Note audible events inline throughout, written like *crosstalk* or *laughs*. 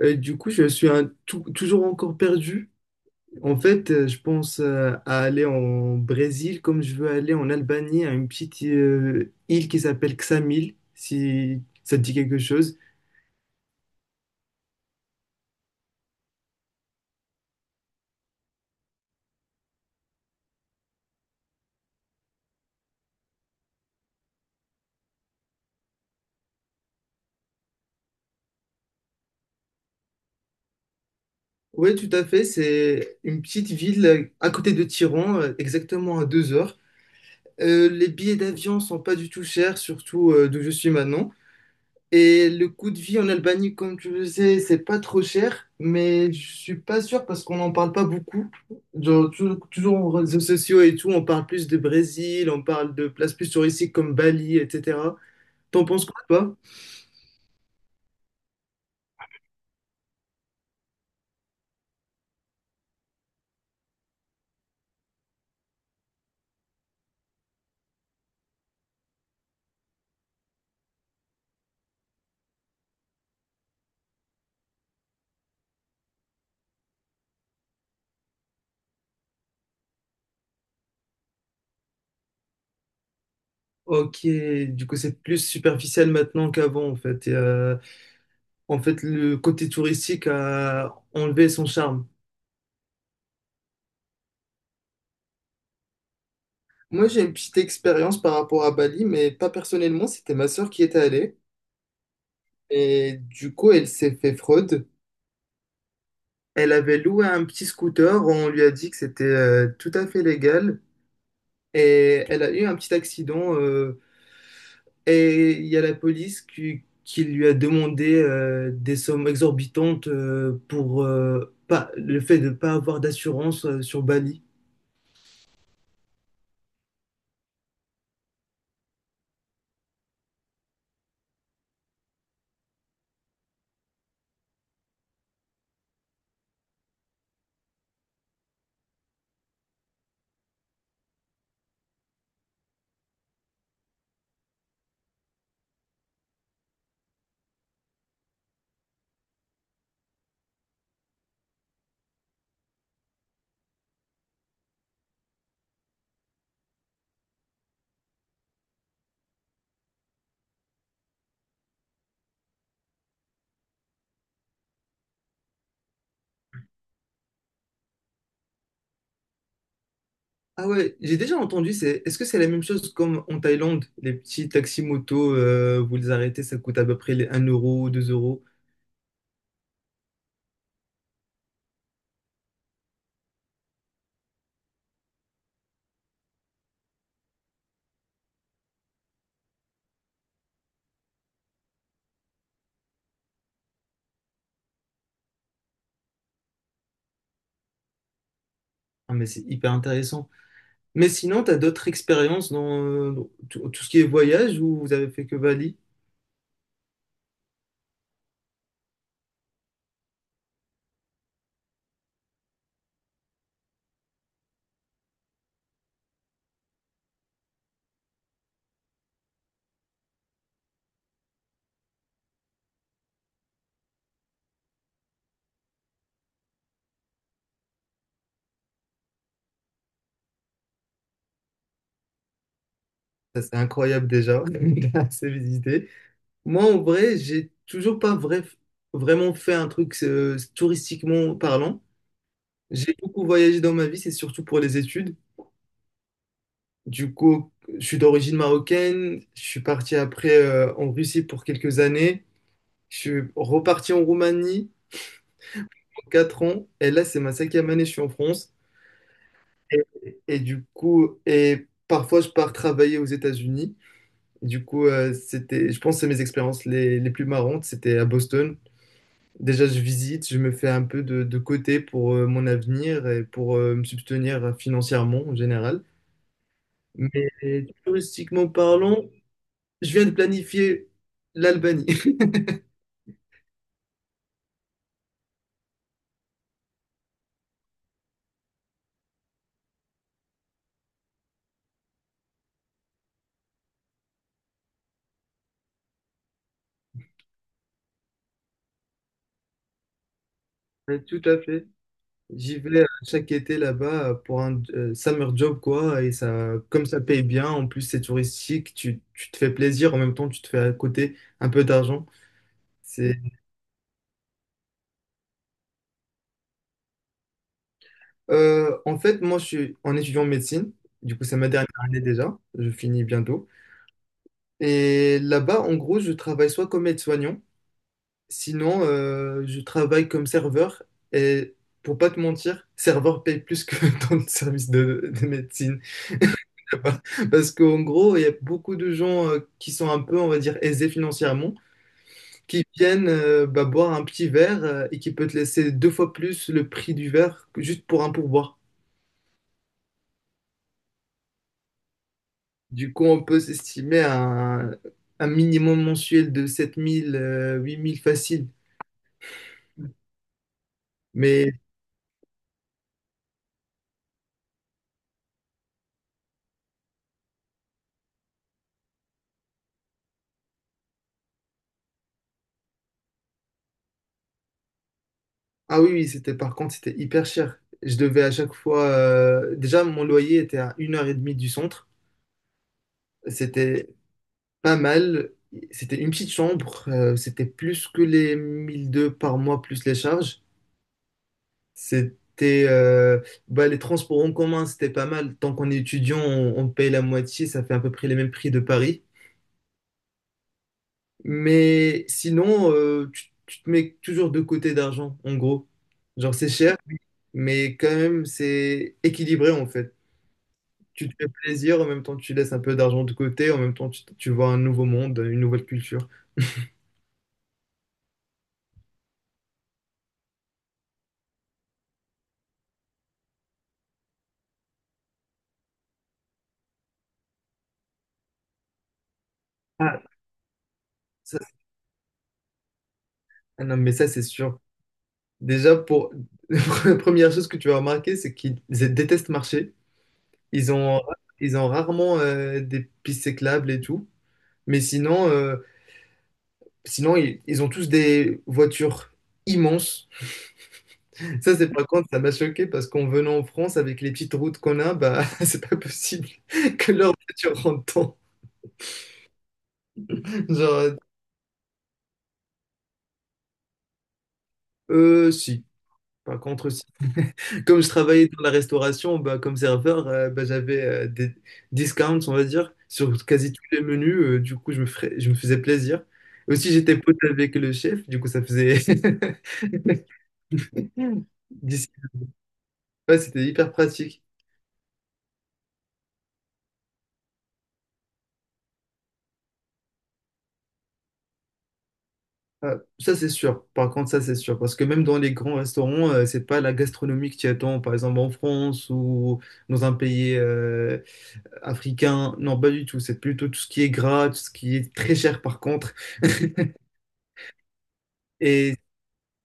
Du coup, je suis toujours encore perdu. En fait, je pense à aller en Brésil comme je veux aller en Albanie, à une petite île qui s'appelle Ksamil, si ça te dit quelque chose. Oui, tout à fait. C'est une petite ville à côté de Tiran, exactement à 2 heures. Les billets d'avion sont pas du tout chers, surtout d'où je suis maintenant. Et le coût de vie en Albanie, comme tu le sais, c'est pas trop cher, mais je suis pas sûr parce qu'on n'en parle pas beaucoup. Genre, toujours, en réseaux sociaux et tout, on parle plus de Brésil, on parle de places plus touristiques comme Bali, etc. T'en penses quoi, toi? Ok, du coup, c'est plus superficiel maintenant qu'avant, en fait. Et, en fait, le côté touristique a enlevé son charme. Moi, j'ai une petite expérience par rapport à Bali, mais pas personnellement, c'était ma sœur qui était allée. Et du coup, elle s'est fait fraude. Elle avait loué un petit scooter, on lui a dit que c'était tout à fait légal et elle a eu un petit accident et il y a la police qui lui a demandé des sommes exorbitantes pour pas, le fait de ne pas avoir d'assurance sur Bali. Ah ouais, j'ai déjà entendu, c'est, est-ce que c'est la même chose comme en Thaïlande? Les petits taxis motos, vous les arrêtez, ça coûte à peu près les 1 euro, 2 euros. Ah mais c'est hyper intéressant. Mais sinon, tu as d'autres expériences dans tout ce qui est voyage où vous avez fait que Bali? Ça, c'est incroyable déjà, *laughs* c'est assez visité. Moi, en vrai, j'ai toujours pas vrai- vraiment fait un truc touristiquement parlant. J'ai beaucoup voyagé dans ma vie, c'est surtout pour les études. Du coup, je suis d'origine marocaine. Je suis parti après en Russie pour quelques années. Je suis reparti en Roumanie pour 4 ans. Et là, c'est ma cinquième année, je suis en France. Et, et du coup, et parfois je pars travailler aux États-Unis. Du coup, c'était, je pense que c'est mes expériences les plus marrantes. C'était à Boston. Déjà, je visite, je me fais un peu de côté pour mon avenir et pour me subvenir financièrement en général. Mais touristiquement parlant, je viens de planifier l'Albanie. *laughs* Tout à fait. J'y vais chaque été là-bas pour un summer job, quoi. Et ça, comme ça paye bien, en plus c'est touristique, tu te fais plaisir, en même temps tu te fais à côté un peu d'argent. C'est... En fait, moi je suis en étudiant en médecine, du coup c'est ma dernière année déjà, je finis bientôt. Et là-bas, en gros, je travaille soit comme aide-soignant, sinon je travaille comme serveur. Et pour pas te mentir, serveur paye plus que *laughs* dans le service de médecine. *laughs* Parce qu'en gros, il y a beaucoup de gens qui sont un peu, on va dire, aisés financièrement, qui viennent bah, boire un petit verre et qui peut te laisser deux fois plus le prix du verre que juste pour un pourboire. Du coup, on peut s'estimer à un minimum mensuel de 7000, 8000 facile. Mais, ah oui, oui, c'était par contre, c'était hyper cher. Je devais à chaque fois. Déjà, mon loyer était à une heure et demie du centre. C'était pas mal. C'était une petite chambre, c'était plus que les 1002 par mois plus les charges. C'était bah, les transports en commun, c'était pas mal. Tant qu'on est étudiant, on paye la moitié, ça fait à peu près les mêmes prix de Paris. Mais sinon, tu te mets toujours de côté d'argent, en gros. Genre, c'est cher, mais quand même, c'est équilibré en fait. Tu te fais plaisir, en même temps, tu laisses un peu d'argent de côté, en même temps, tu vois un nouveau monde, une nouvelle culture. Ah. Ah non, mais ça, c'est sûr. Déjà, pour *laughs* la première chose que tu vas remarquer, c'est qu'ils détestent marcher. Ils ont, ils ont rarement des pistes cyclables et tout. Mais sinon, sinon ils ont tous des voitures immenses. Ça, c'est par contre, ça m'a choqué parce qu'en venant en France, avec les petites routes qu'on a, bah, *laughs* c'est pas possible *laughs* que leur voiture rentre dedans. Genre, si. Par contre, si. Comme je travaillais dans la restauration, bah, comme serveur, bah, j'avais des discounts, on va dire, sur quasi tous les menus. Du coup, je me faisais plaisir. Aussi, j'étais pote avec le chef, du coup, ça faisait... *laughs* D'ici- ouais, c'était hyper pratique. Ah, ça, c'est sûr. Par contre, ça, c'est sûr. Parce que même dans les grands restaurants, c'est pas la gastronomie que tu attends, par exemple en France ou dans un pays africain. Non, pas du tout. C'est plutôt tout ce qui est gras, tout ce qui est très cher, par contre. Et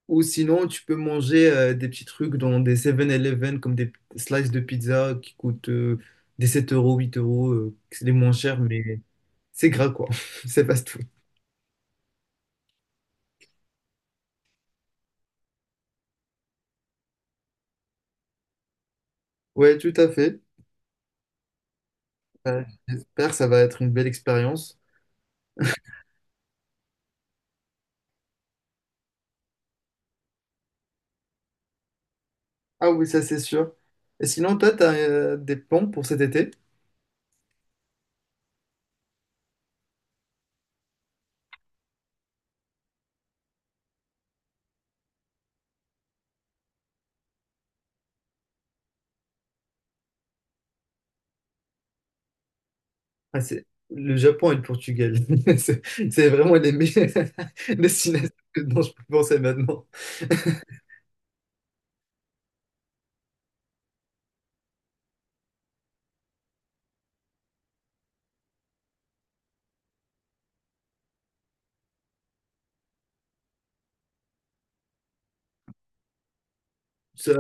ou sinon, tu peux manger des petits trucs dans des Seven eleven comme des slices de pizza qui coûtent des 7 euros, 8 euros. C'est les moins chers, mais c'est gras quoi. *laughs* C'est pas tout. Ouais, tout à fait. J'espère que ça va être une belle expérience. Ah oui, ça c'est sûr. Et sinon, toi, t'as des plans pour cet été? Ah, c'est le Japon et le Portugal. *laughs* C'est c'est vraiment les meilleures *laughs* destinations dont je peux penser maintenant. *laughs* Ça,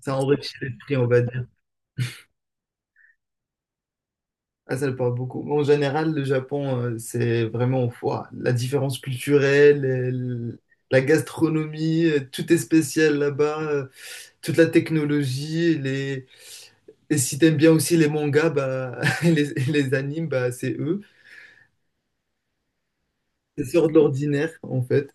Ça enrichit l'esprit, on va ah, ça le parle beaucoup. En général, le Japon, c'est vraiment ouah, la différence culturelle, la gastronomie, tout est spécial là-bas, toute la technologie, les... et si t'aimes bien aussi les mangas, bah, *laughs* et et les animes, bah, c'est eux. C'est sort de l'ordinaire, en fait.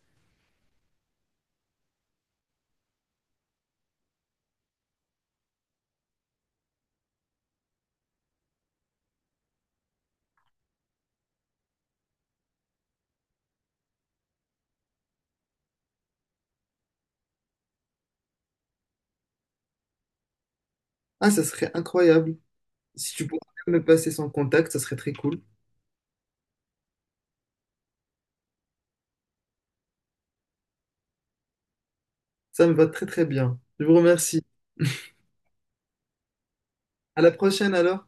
Ah, ça serait incroyable. Si tu pouvais me passer son contact, ça serait très cool. Ça me va très très bien. Je vous remercie. À la prochaine alors.